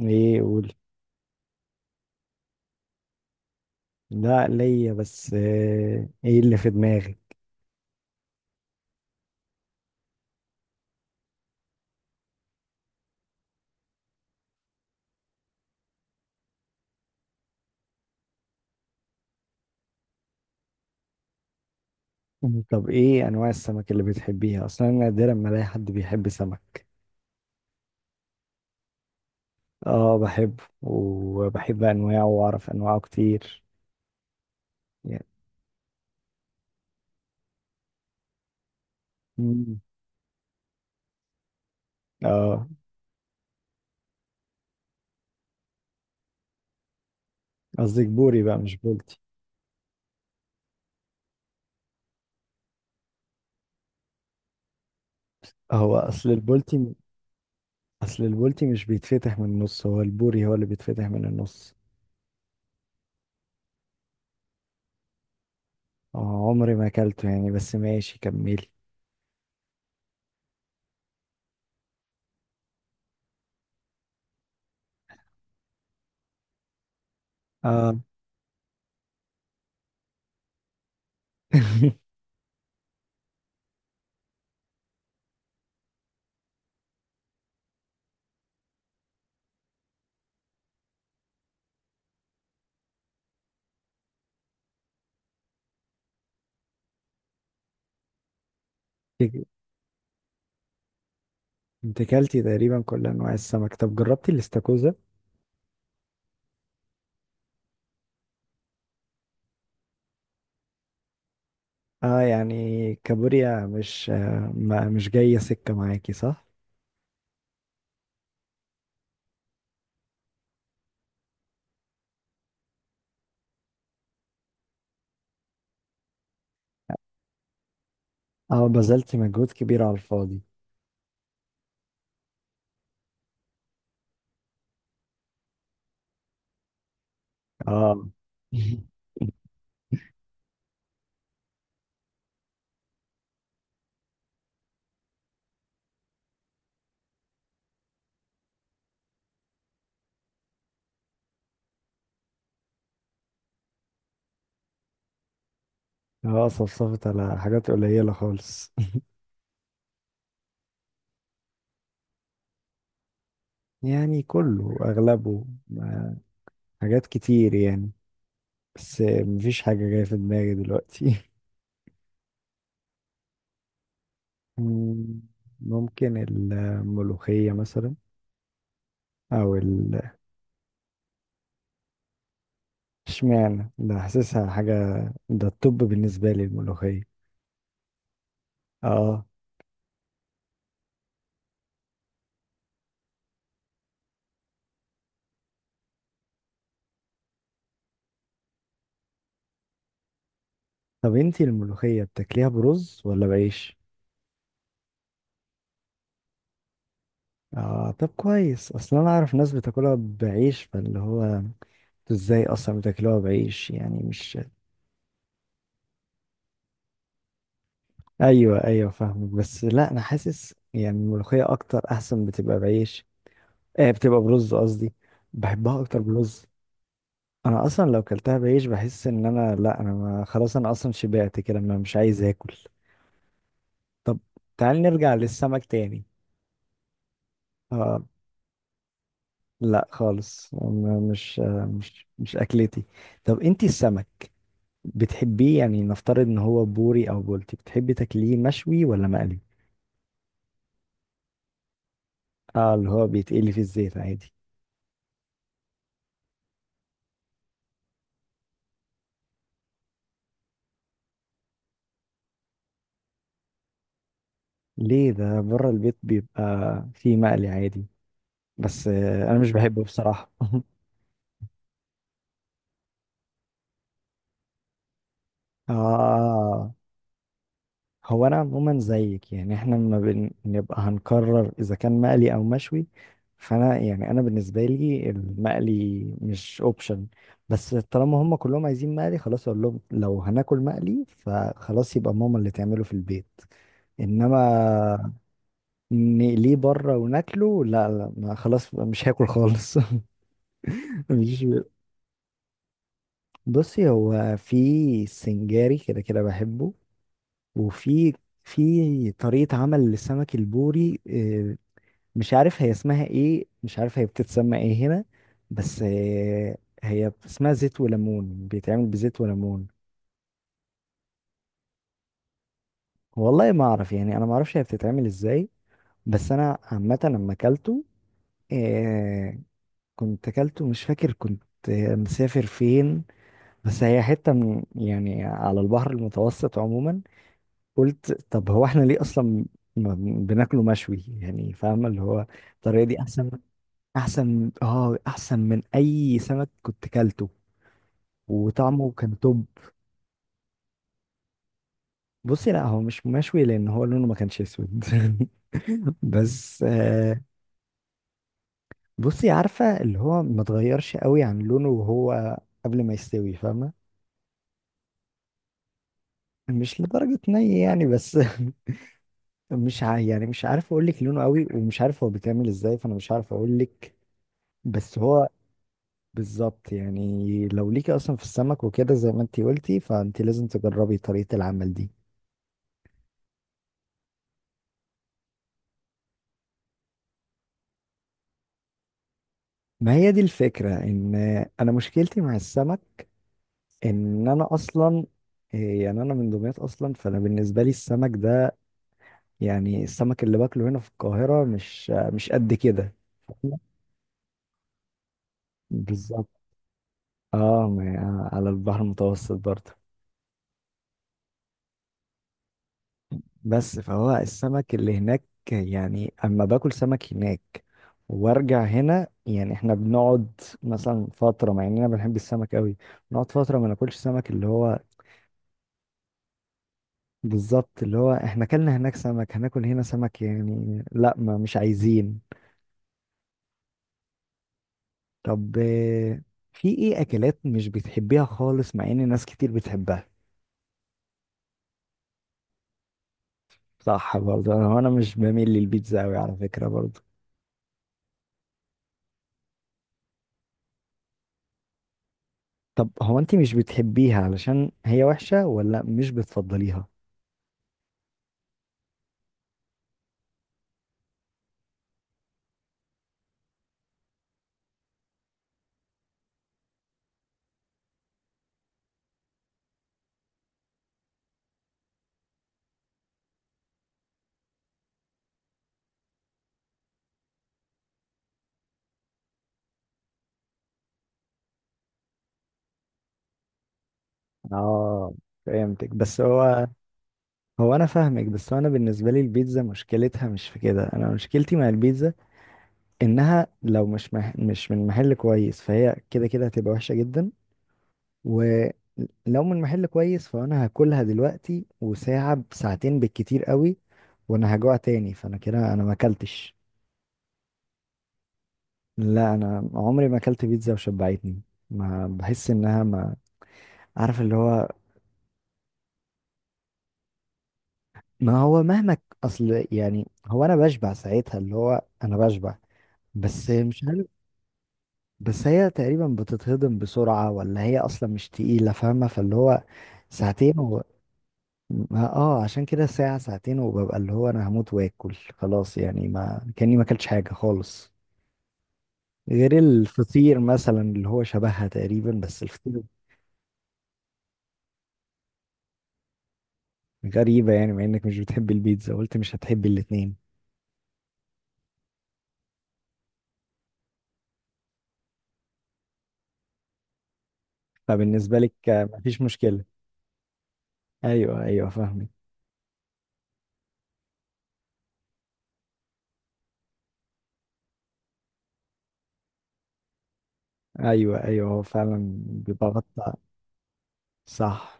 ايه قول. لا ليا بس ايه اللي في دماغي. مم. طب ايه انواع السمك اللي بتحبيها؟ اصلا أنا نادرا ما الاقي حد بيحب سمك. اه، بحبه وبحب انواعه واعرف انواعه كتير يعني. مم. اه. قصدك بوري بقى، مش بولتي؟ هو اصل البولتي. اصل البولتي مش بيتفتح من النص، هو البوري هو اللي بيتفتح من النص. اه عمري ما اكلته يعني، بس ماشي كملي. اه. انت أنت اكلتي تقريبا كل انواع السمك. طب جربتي الاستاكوزا؟ اه يعني كابوريا مش آه، ما مش جاية سكة معاكي صح؟ اه، بذلت مجهود كبير على الفاضي. اه. اه صفصفت على حاجات قليلة خالص. يعني كله أغلبه حاجات كتير يعني، بس مفيش حاجة جاية في دماغي دلوقتي. مم، ممكن الملوخية مثلا، أو ال اشمعنى ده؟ حاسسها حاجة، ده الطب بالنسبة لي الملوخية. اه. طب انتي الملوخية بتاكليها برز ولا بعيش؟ اه طب كويس، اصلا انا اعرف ناس بتاكلها بعيش، فاللي هو انتوا ازاي اصلا بتاكلوها بعيش يعني مش؟ ايوه ايوه فاهمك، بس لا انا حاسس يعني الملوخية اكتر احسن بتبقى بعيش. آه بتبقى برز قصدي. بحبها اكتر برز. انا اصلا لو كلتها بعيش بحس ان انا، لا، انا ما خلاص، انا اصلا شبعت كده ما مش عايز اكل. طب تعال نرجع للسمك تاني. آه. لا خالص م- مش آه، مش مش اكلتي. طب انتي السمك بتحبيه؟ يعني نفترض ان هو بوري او بولتي، بتحبي تاكليه مشوي ولا مقلي؟ اه اللي هو بيتقلي في الزيت عادي. ليه؟ ده بره البيت بيبقى فيه مقلي عادي، بس انا مش بحبه بصراحة. اه. هو انا عموما زيك، يعني احنا لما بنبقى هنقرر اذا كان مقلي او مشوي، فانا يعني انا بالنسبه لي المقلي مش اوبشن، بس طالما هم كلهم عايزين مقلي خلاص اقول لهم لو هناكل مقلي فخلاص، يبقى ماما اللي تعمله في البيت. انما نقليه بره وناكله لا لا، ما خلاص مش هاكل خالص. مش. بصي هو في سنجاري كده كده بحبه. وفي في طريقة عمل للسمك البوري مش عارف هي اسمها ايه، مش عارف هي بتتسمى ايه هنا. بس هي اسمها زيت وليمون، بيتعمل بزيت وليمون. والله ما اعرف يعني، انا ما اعرفش هي بتتعمل ازاي. بس انا عامه لما اكلته، آه، كنت اكلته مش فاكر كنت مسافر فين. بس هي حته من يعني على البحر المتوسط عموما. قلت طب هو احنا ليه اصلا ما بناكله مشوي؟ يعني فاهمه اللي هو الطريقه دي احسن. احسن من اي سمك كنت كلته، وطعمه كان توب. بصي لا، هو مش مشوي لان هو لونه ما كانش اسود. بس بصي عارفه اللي هو ما اتغيرش قوي عن لونه وهو قبل ما يستوي، فاهمه؟ مش لدرجه ني يعني بس. مش ع... يعني مش عارف اقول لك لونه قوي، ومش عارف هو بيتعمل ازاي، فانا مش عارف اقول لك، بس هو. بالظبط. يعني لو ليكي اصلا في السمك وكده زي ما انتي قلتي، فانتي لازم تجربي طريقه العمل دي. ما هي دي الفكره، ان انا مشكلتي مع السمك ان انا اصلا إيه، يعني انا من دمياط اصلا، فانا بالنسبه لي السمك ده، يعني السمك اللي باكله هنا في القاهره مش قد كده. بالظبط. اه على البحر المتوسط برضه. بس فهو السمك اللي هناك، يعني اما باكل سمك هناك وارجع هنا، يعني احنا بنقعد مثلا فتره مع اننا بنحب السمك قوي، بنقعد فتره ما ناكلش سمك اللي هو. بالظبط. اللي هو احنا اكلنا هناك سمك، هناكل هنا سمك، يعني لا ما مش عايزين. طب في ايه اكلات مش بتحبيها خالص مع ان ناس كتير بتحبها؟ صح برضه، انا مش بميل للبيتزا قوي على فكرة برضه. طب هو انت مش بتحبيها علشان هي وحشة، ولا مش بتفضليها؟ اه فهمتك، بس هو هو انا فاهمك، بس هو انا بالنسبة لي البيتزا مشكلتها مش في كده، انا مشكلتي مع البيتزا انها لو مش من محل كويس، فهي كده كده هتبقى وحشة جدا، ولو من محل كويس فانا هاكلها دلوقتي وساعة بساعتين بالكتير قوي، وانا هجوع تاني، فانا كده انا ما اكلتش. لا انا عمري ما اكلت بيتزا وشبعتني. ما بحس انها، ما عارف اللي هو. ما هو مهما اصل يعني هو انا بشبع ساعتها، اللي هو انا بشبع، بس مش عارف. بس هي تقريبا بتتهضم بسرعة، ولا هي اصلا مش تقيلة فاهمة، فاللي هو ساعتين. اه عشان كده ساعة ساعتين وببقى اللي هو انا هموت واكل. خلاص يعني ما كاني ما اكلتش حاجة خالص، غير الفطير مثلا اللي هو شبهها تقريبا، بس الفطير. غريبة يعني مع انك مش بتحب البيتزا قلت مش هتحب الاتنين. فبالنسبة لك مفيش مشكلة. ايوه ايوه فاهمك. ايوه ايوه هو فعلا بيبقى غطى. صح.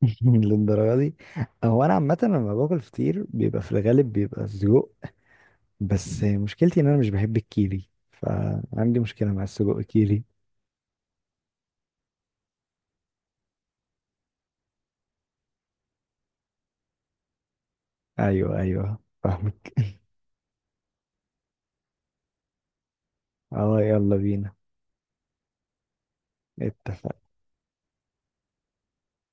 للدرجة دي؟ هو انا عامة لما باكل فطير بيبقى في الغالب بيبقى سجق، بس مشكلتي ان انا مش بحب الكيري، فعندي مشكلة مع السجق كيري. ايوه ايوه فاهمك. اه يلا بينا. اتفق.